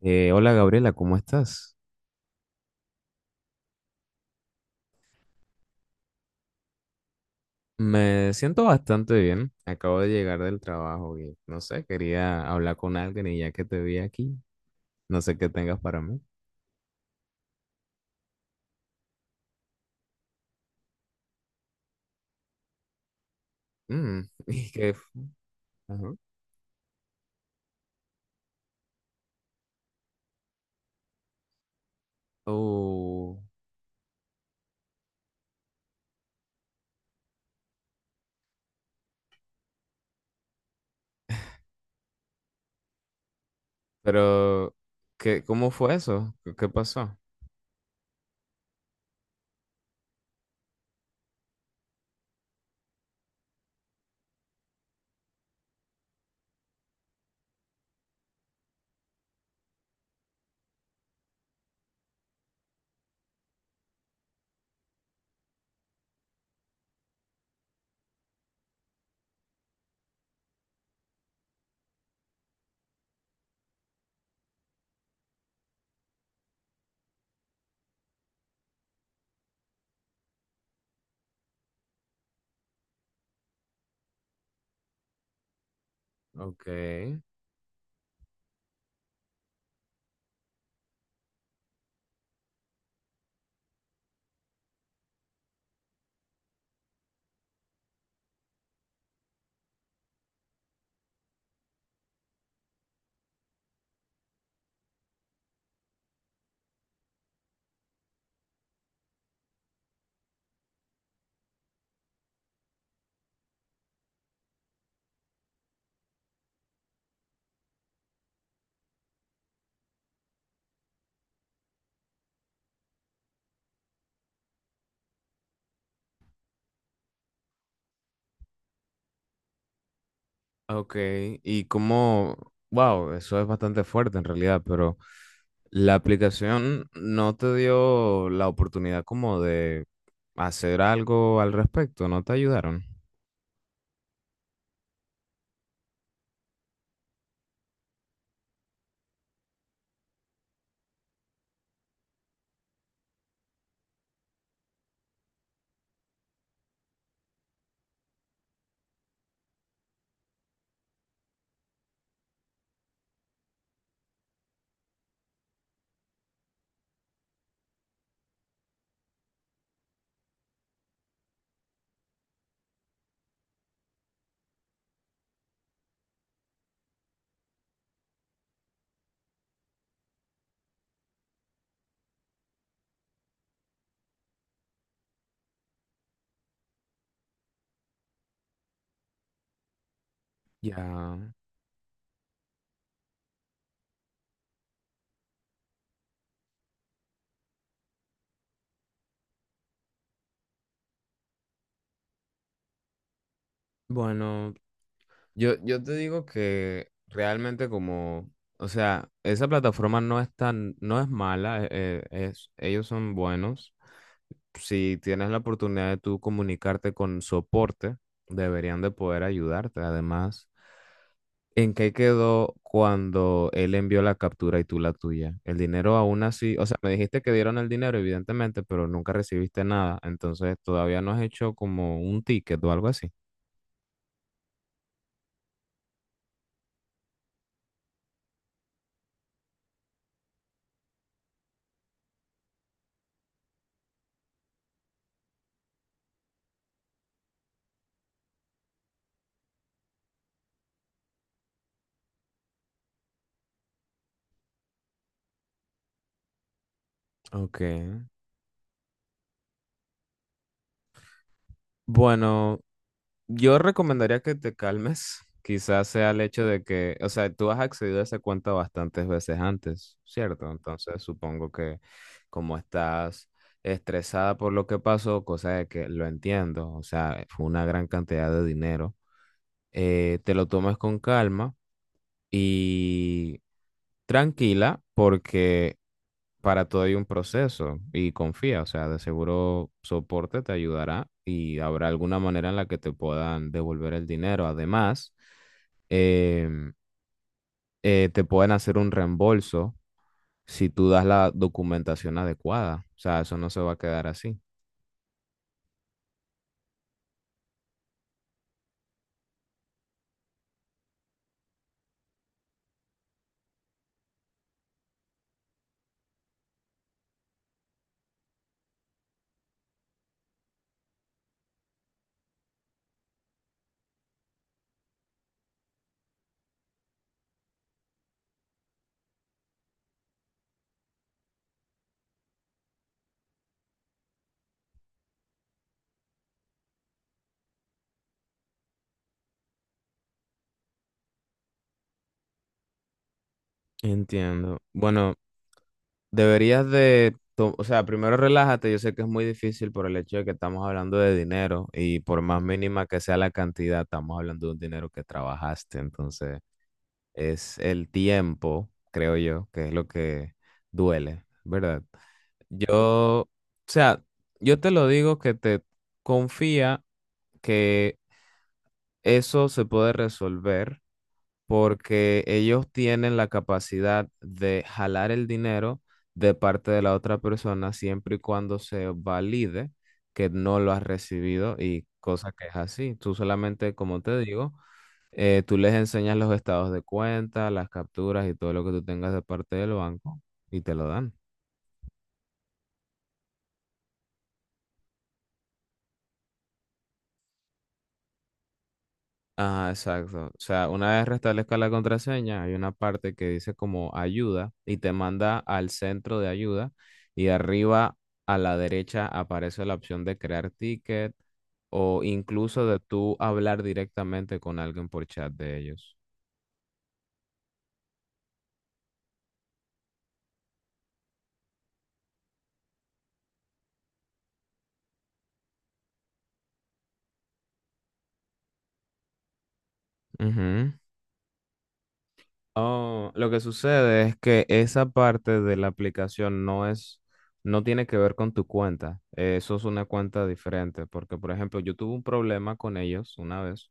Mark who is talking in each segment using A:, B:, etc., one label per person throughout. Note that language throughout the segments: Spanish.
A: Hola Gabriela, ¿cómo estás? Me siento bastante bien. Acabo de llegar del trabajo y no sé, quería hablar con alguien y ya que te vi aquí, no sé qué tengas para mí. Mm, ¿y qué? Ajá. Uh, pero ¿qué, cómo fue eso? ¿Qué, qué pasó? Ok. Ok, y como, wow, eso es bastante fuerte en realidad, pero la aplicación no te dio la oportunidad como de hacer algo al respecto, no te ayudaron. Ya, bueno, yo te digo que realmente como, o sea, esa plataforma no es tan, no es mala, es, ellos son buenos. Si tienes la oportunidad de tú comunicarte con soporte, deberían de poder ayudarte. Además. ¿En qué quedó cuando él envió la captura y tú la tuya? El dinero aún así, o sea, me dijiste que dieron el dinero, evidentemente, pero nunca recibiste nada, entonces todavía no has hecho como un ticket o algo así. Ok. Bueno, yo recomendaría que te calmes. Quizás sea el hecho de que, o sea, tú has accedido a esa cuenta bastantes veces antes, ¿cierto? Entonces supongo que como estás estresada por lo que pasó, cosa de que lo entiendo, o sea, fue una gran cantidad de dinero. Te lo tomes con calma y tranquila porque para todo hay un proceso y confía, o sea, de seguro soporte te ayudará y habrá alguna manera en la que te puedan devolver el dinero. Además, em, te pueden hacer un reembolso si tú das la documentación adecuada, o sea, eso no se va a quedar así. Entiendo. Bueno, deberías de, o sea, primero relájate, yo sé que es muy difícil por el hecho de que estamos hablando de dinero y por más mínima que sea la cantidad, estamos hablando de un dinero que trabajaste, entonces es el tiempo, creo yo, que es lo que duele, ¿verdad? Yo, o sea, yo te lo digo que te confía que eso se puede resolver porque ellos tienen la capacidad de jalar el dinero de parte de la otra persona siempre y cuando se valide que no lo has recibido y cosa que es así. Tú solamente, como te digo, tú les enseñas los estados de cuenta, las capturas y todo lo que tú tengas de parte del banco y te lo dan. Ah, exacto. O sea, una vez restablezca la contraseña, hay una parte que dice como ayuda y te manda al centro de ayuda y arriba a la derecha aparece la opción de crear ticket o incluso de tú hablar directamente con alguien por chat de ellos. Ujú. Oh, lo que sucede es que esa parte de la aplicación no es, no tiene que ver con tu cuenta. Eso es una cuenta diferente, porque por ejemplo, yo tuve un problema con ellos una vez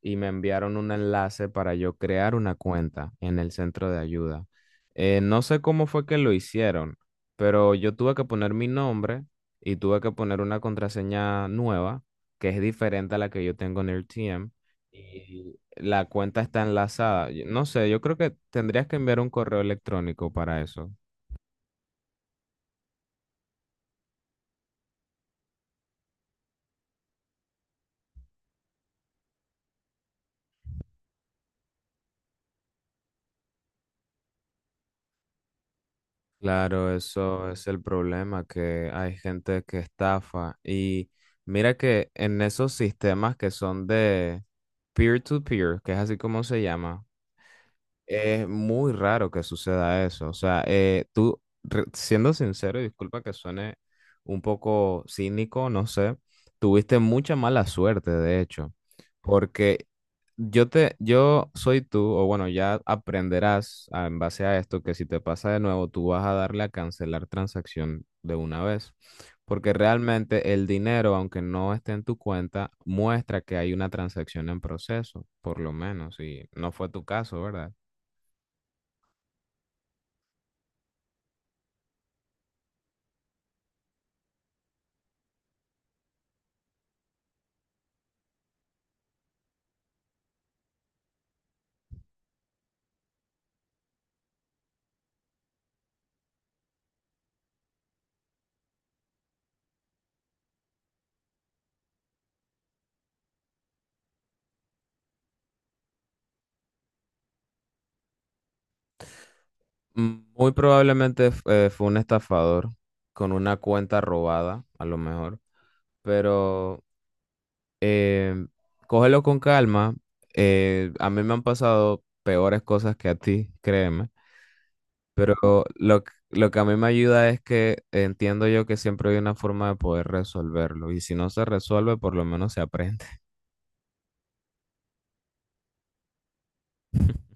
A: y me enviaron un enlace para yo crear una cuenta en el centro de ayuda. No sé cómo fue que lo hicieron, pero yo tuve que poner mi nombre y tuve que poner una contraseña nueva que es diferente a la que yo tengo en el TM la cuenta está enlazada. No sé, yo creo que tendrías que enviar un correo electrónico para eso. Claro, eso es el problema, que hay gente que estafa. Y mira que en esos sistemas que son de peer-to-peer, que es así como se llama, es muy raro que suceda eso. O sea, tú, siendo sincero, y disculpa que suene un poco cínico, no sé, tuviste mucha mala suerte, de hecho, porque yo soy tú, o bueno, ya aprenderás en base a esto que si te pasa de nuevo, tú vas a darle a cancelar transacción de una vez, porque realmente el dinero, aunque no esté en tu cuenta, muestra que hay una transacción en proceso, por lo menos, y no fue tu caso, ¿verdad? Mm, muy probablemente fue un estafador con una cuenta robada, a lo mejor, pero eh, cógelo con calma. A mí me han pasado peores cosas que a ti, créeme, pero lo que a mí me ayuda es que entiendo yo que siempre hay una forma de poder resolverlo y si no se resuelve, por lo menos se aprende.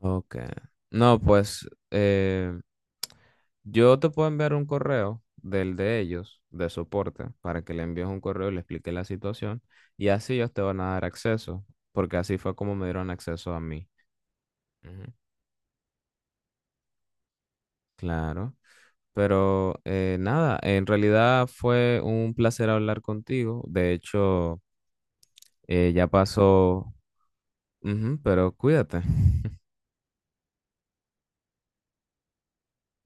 A: Ok. No, pues yo te puedo enviar un correo del de ellos, de soporte, para que le envíes un correo y le expliques la situación y así ellos te van a dar acceso, porque así fue como me dieron acceso a mí. Ujú. Claro. Pero nada, en realidad fue un placer hablar contigo. De hecho, ya pasó. Ujú, pero cuídate,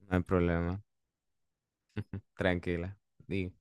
A: no hay problema, tranquila. Di.